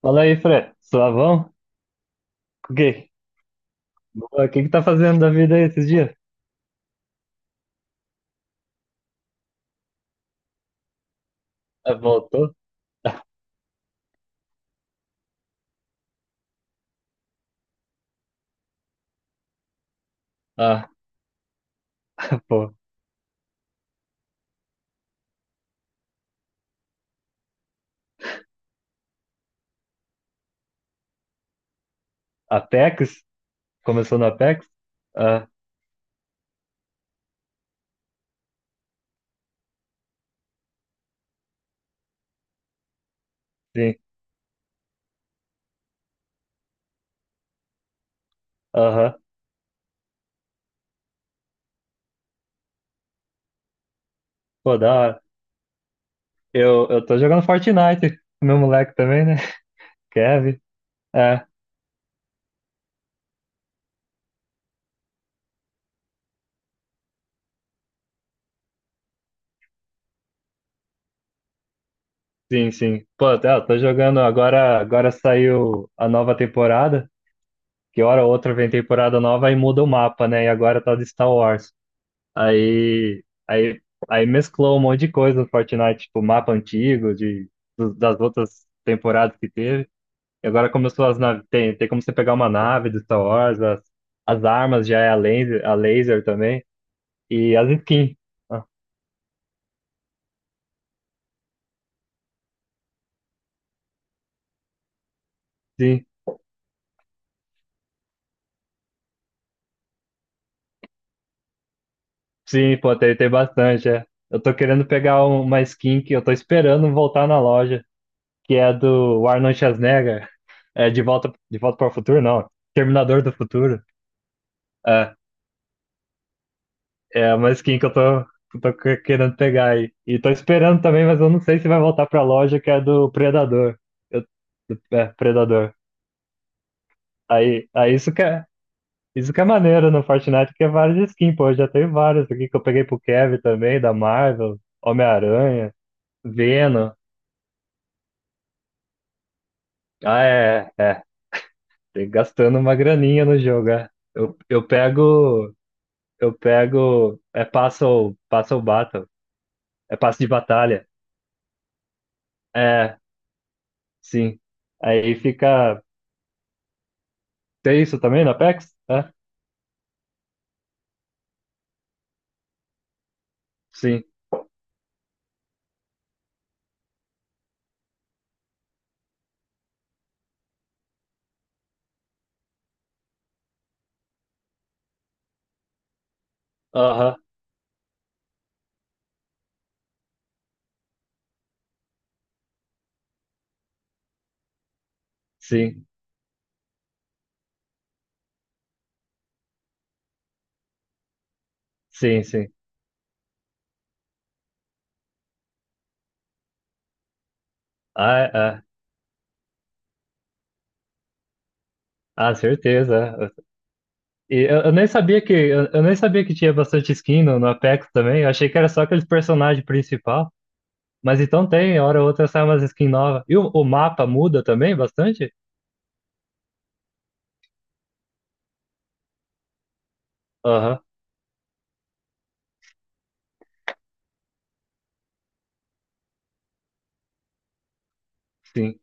Fala aí, Fred. Suavão? O que? O que que tá fazendo da vida aí esses dias? Ah, voltou? Ah, pô. Apex? Começou no Apex? Ah, sim. Aham. Pô, da hora. Eu tô jogando Fortnite. Meu moleque também, né? Kevin. É, sim, sim. Pô, tá, eu tô jogando agora. Agora saiu a nova temporada. Que hora ou outra vem temporada nova e muda o mapa, né? E agora tá de Star Wars. Aí, aí, aí mesclou um monte de coisa do Fortnite, tipo mapa antigo de, das outras temporadas que teve. E agora começou as naves. Tem como você pegar uma nave do Star Wars, as armas já é a laser também. E as skins. Ah, sim, sim, pô, tem, tem bastante, é. Eu tô querendo pegar um, uma skin que eu tô esperando voltar na loja, que é do Arnold Schwarzenegger. É, de volta para o futuro, não. Terminador do futuro. É. É a manskin que eu tô querendo pegar aí. E tô esperando também, mas eu não sei se vai voltar pra loja que é do Predador. Eu- é, Predador. Aí isso que é maneiro no Fortnite, que é várias skins, pô. Eu já tenho várias aqui que eu peguei pro Kevin também, da Marvel, Homem-Aranha, Venom. Ah, é, é. É. Tem gastando uma graninha no jogo, é. Eu pego. Eu pego. É passo, passo battle. É passo de batalha. É, sim. Aí fica. Tem isso também na Apex. É, sim. Aham, sim, sim, sim. Ah, é. Ah, certeza. É. E eu nem sabia que eu nem sabia que tinha bastante skin no, no Apex também. Eu achei que era só aqueles personagens principal. Mas então tem, hora ou outra sai umas skin nova. E o mapa muda também bastante? Aham, sim.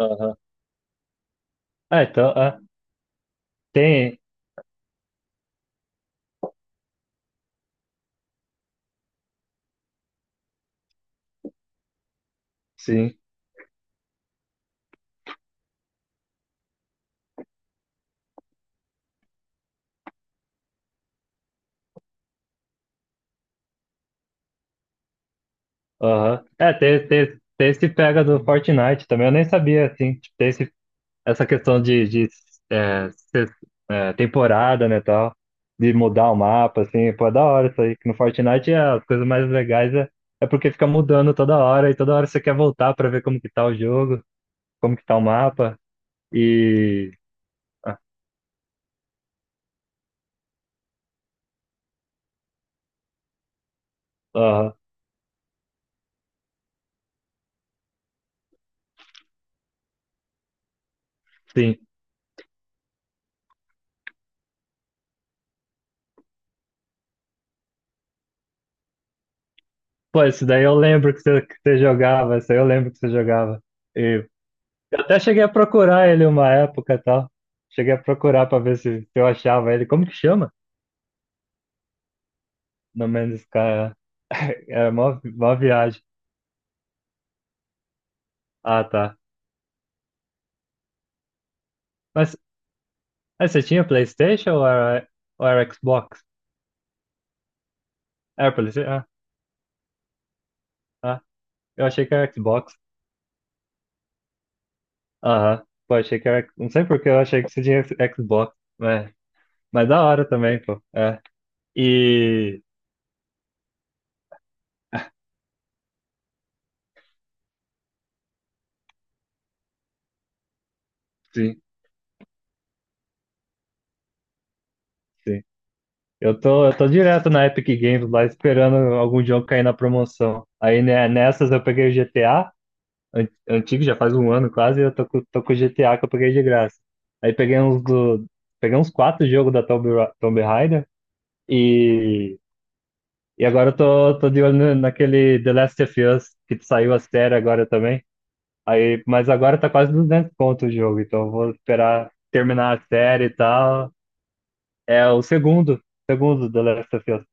Aham. É, então, ah, tem, sim. Aham. É, tem esse pega do Fortnite também. Eu nem sabia, assim. Tipo, tem esse essa questão de é, ser é, temporada, né, tal, de mudar o mapa, assim, pô, é da hora isso aí. Que no Fortnite é, as coisas mais legais é, é porque fica mudando toda hora, e toda hora você quer voltar pra ver como que tá o jogo, como que tá o mapa, e... Ah, aham, sim. Pô, isso daí eu lembro que você jogava, isso aí eu lembro que você jogava. E até cheguei a procurar ele uma época e tal. Cheguei a procurar pra ver se, se eu achava ele. Como que chama? No Man's Sky, é. Era mó, mó viagem. Ah, tá. Mas aí você tinha PlayStation ou era Xbox? Era PlayStation? Ah, ah, eu achei que era Xbox. Aham. Pô, achei que era. Não sei por que eu achei que você tinha Xbox. Mas, mas da hora também, pô. É. E. Sim, sim. Eu tô direto na Epic Games lá esperando algum jogo cair na promoção. Aí né, nessas eu peguei o GTA, antigo, já faz um ano quase, e eu tô, tô com o GTA que eu peguei de graça. Aí peguei uns do. Peguei uns quatro jogos da Tomb, Tomb Raider. E, e agora eu tô, tô de olho naquele The Last of Us, que saiu a série agora também. Aí, mas agora tá quase 200 conto o jogo, então eu vou esperar terminar a série e tal. É o segundo, segundo The Last of Us.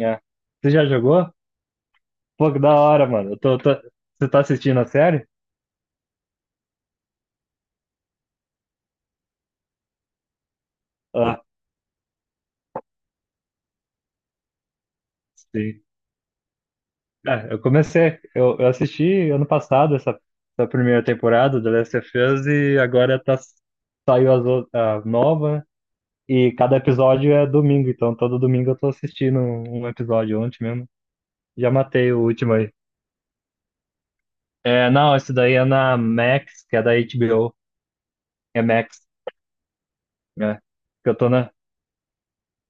É. Você já jogou? Pô, que da hora, mano. Você tá assistindo a série? Ah, sim. É, eu comecei, eu assisti ano passado essa, essa primeira temporada do The Last of Us e agora tá, saiu as, a nova, e cada episódio é domingo, então todo domingo eu tô assistindo um episódio ontem mesmo. Já matei o último aí. É, não, esse daí é na Max, que é da HBO. É Max, né? Que eu tô na,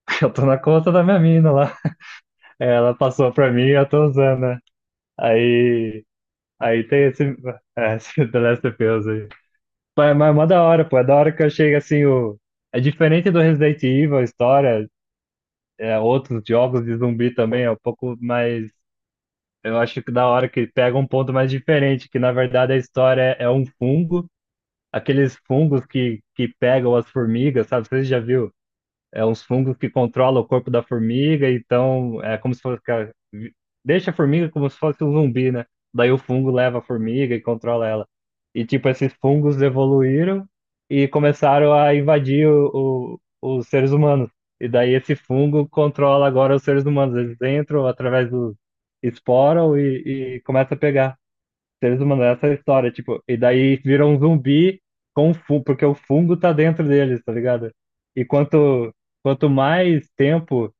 eu tô na conta da minha mina lá. Ela passou pra mim e eu tô usando, né? Aí, aí tem esse, é, esse The Last of Us aí. Mas é mó da hora, pô. É da hora que eu chego assim, o... É diferente do Resident Evil, a história, é, outros jogos de zumbi também, é um pouco mais. Eu acho que da hora que pega um ponto mais diferente, que na verdade a história é, é um fungo, aqueles fungos que pegam as formigas, sabe? Você já viu? É uns fungos que controlam o corpo da formiga, então é como se fosse. Deixa a formiga como se fosse um zumbi, né? Daí o fungo leva a formiga e controla ela. E tipo, esses fungos evoluíram e começaram a invadir o, os seres humanos. E daí esse fungo controla agora os seres humanos. Eles entram através do esporam e começa a pegar seres humanos, essa é a história, tipo, e daí vira um zumbi com fungo, porque o fungo tá dentro deles, tá ligado? E quanto, quanto mais tempo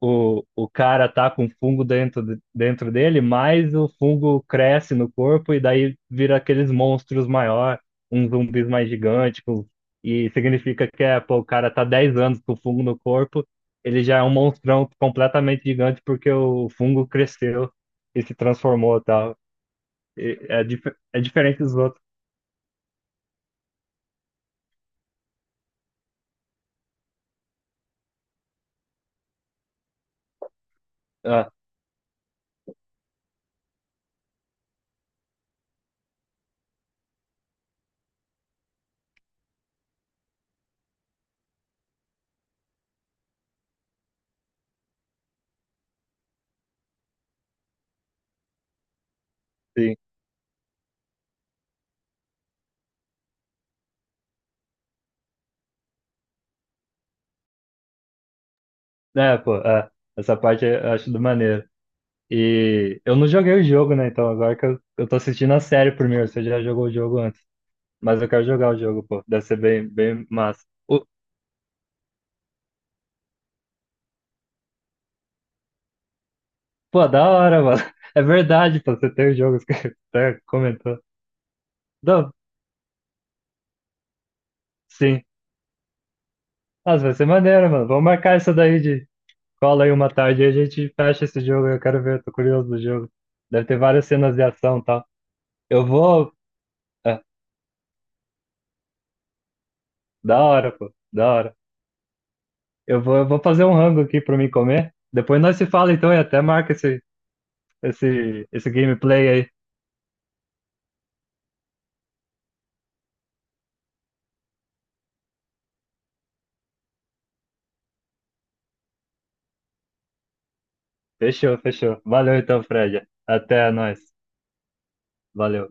o cara tá com fungo dentro, dentro dele, mais o fungo cresce no corpo e daí vira aqueles monstros maior, uns zumbis mais gigantes, e significa que é, pô, o cara tá 10 anos com fungo no corpo, ele já é um monstrão completamente gigante porque o fungo cresceu e se transformou, tá? E- É, dif é diferente dos outros. Ah, sim. É, pô, é. Essa parte eu acho do maneiro. E eu não joguei o jogo, né? Então agora que eu tô assistindo a série primeiro, você já jogou o jogo antes. Mas eu quero jogar o jogo, pô. Deve ser bem, bem massa. O- pô, da hora, mano. É verdade, pô, você tem o jogo, você até comentou. Não, sim. Nossa, vai ser maneiro, mano. Vamos marcar isso daí de cola aí uma tarde e a gente fecha esse jogo. Eu quero ver, tô curioso do jogo. Deve ter várias cenas de ação e tal. Eu vou. É, da hora, pô. Da hora. Eu vou fazer um rango aqui pra mim comer. Depois nós se fala então e até marca esse, esse, esse gameplay aí. Fechou, fechou. Valeu então, Fred. Até nós. Valeu.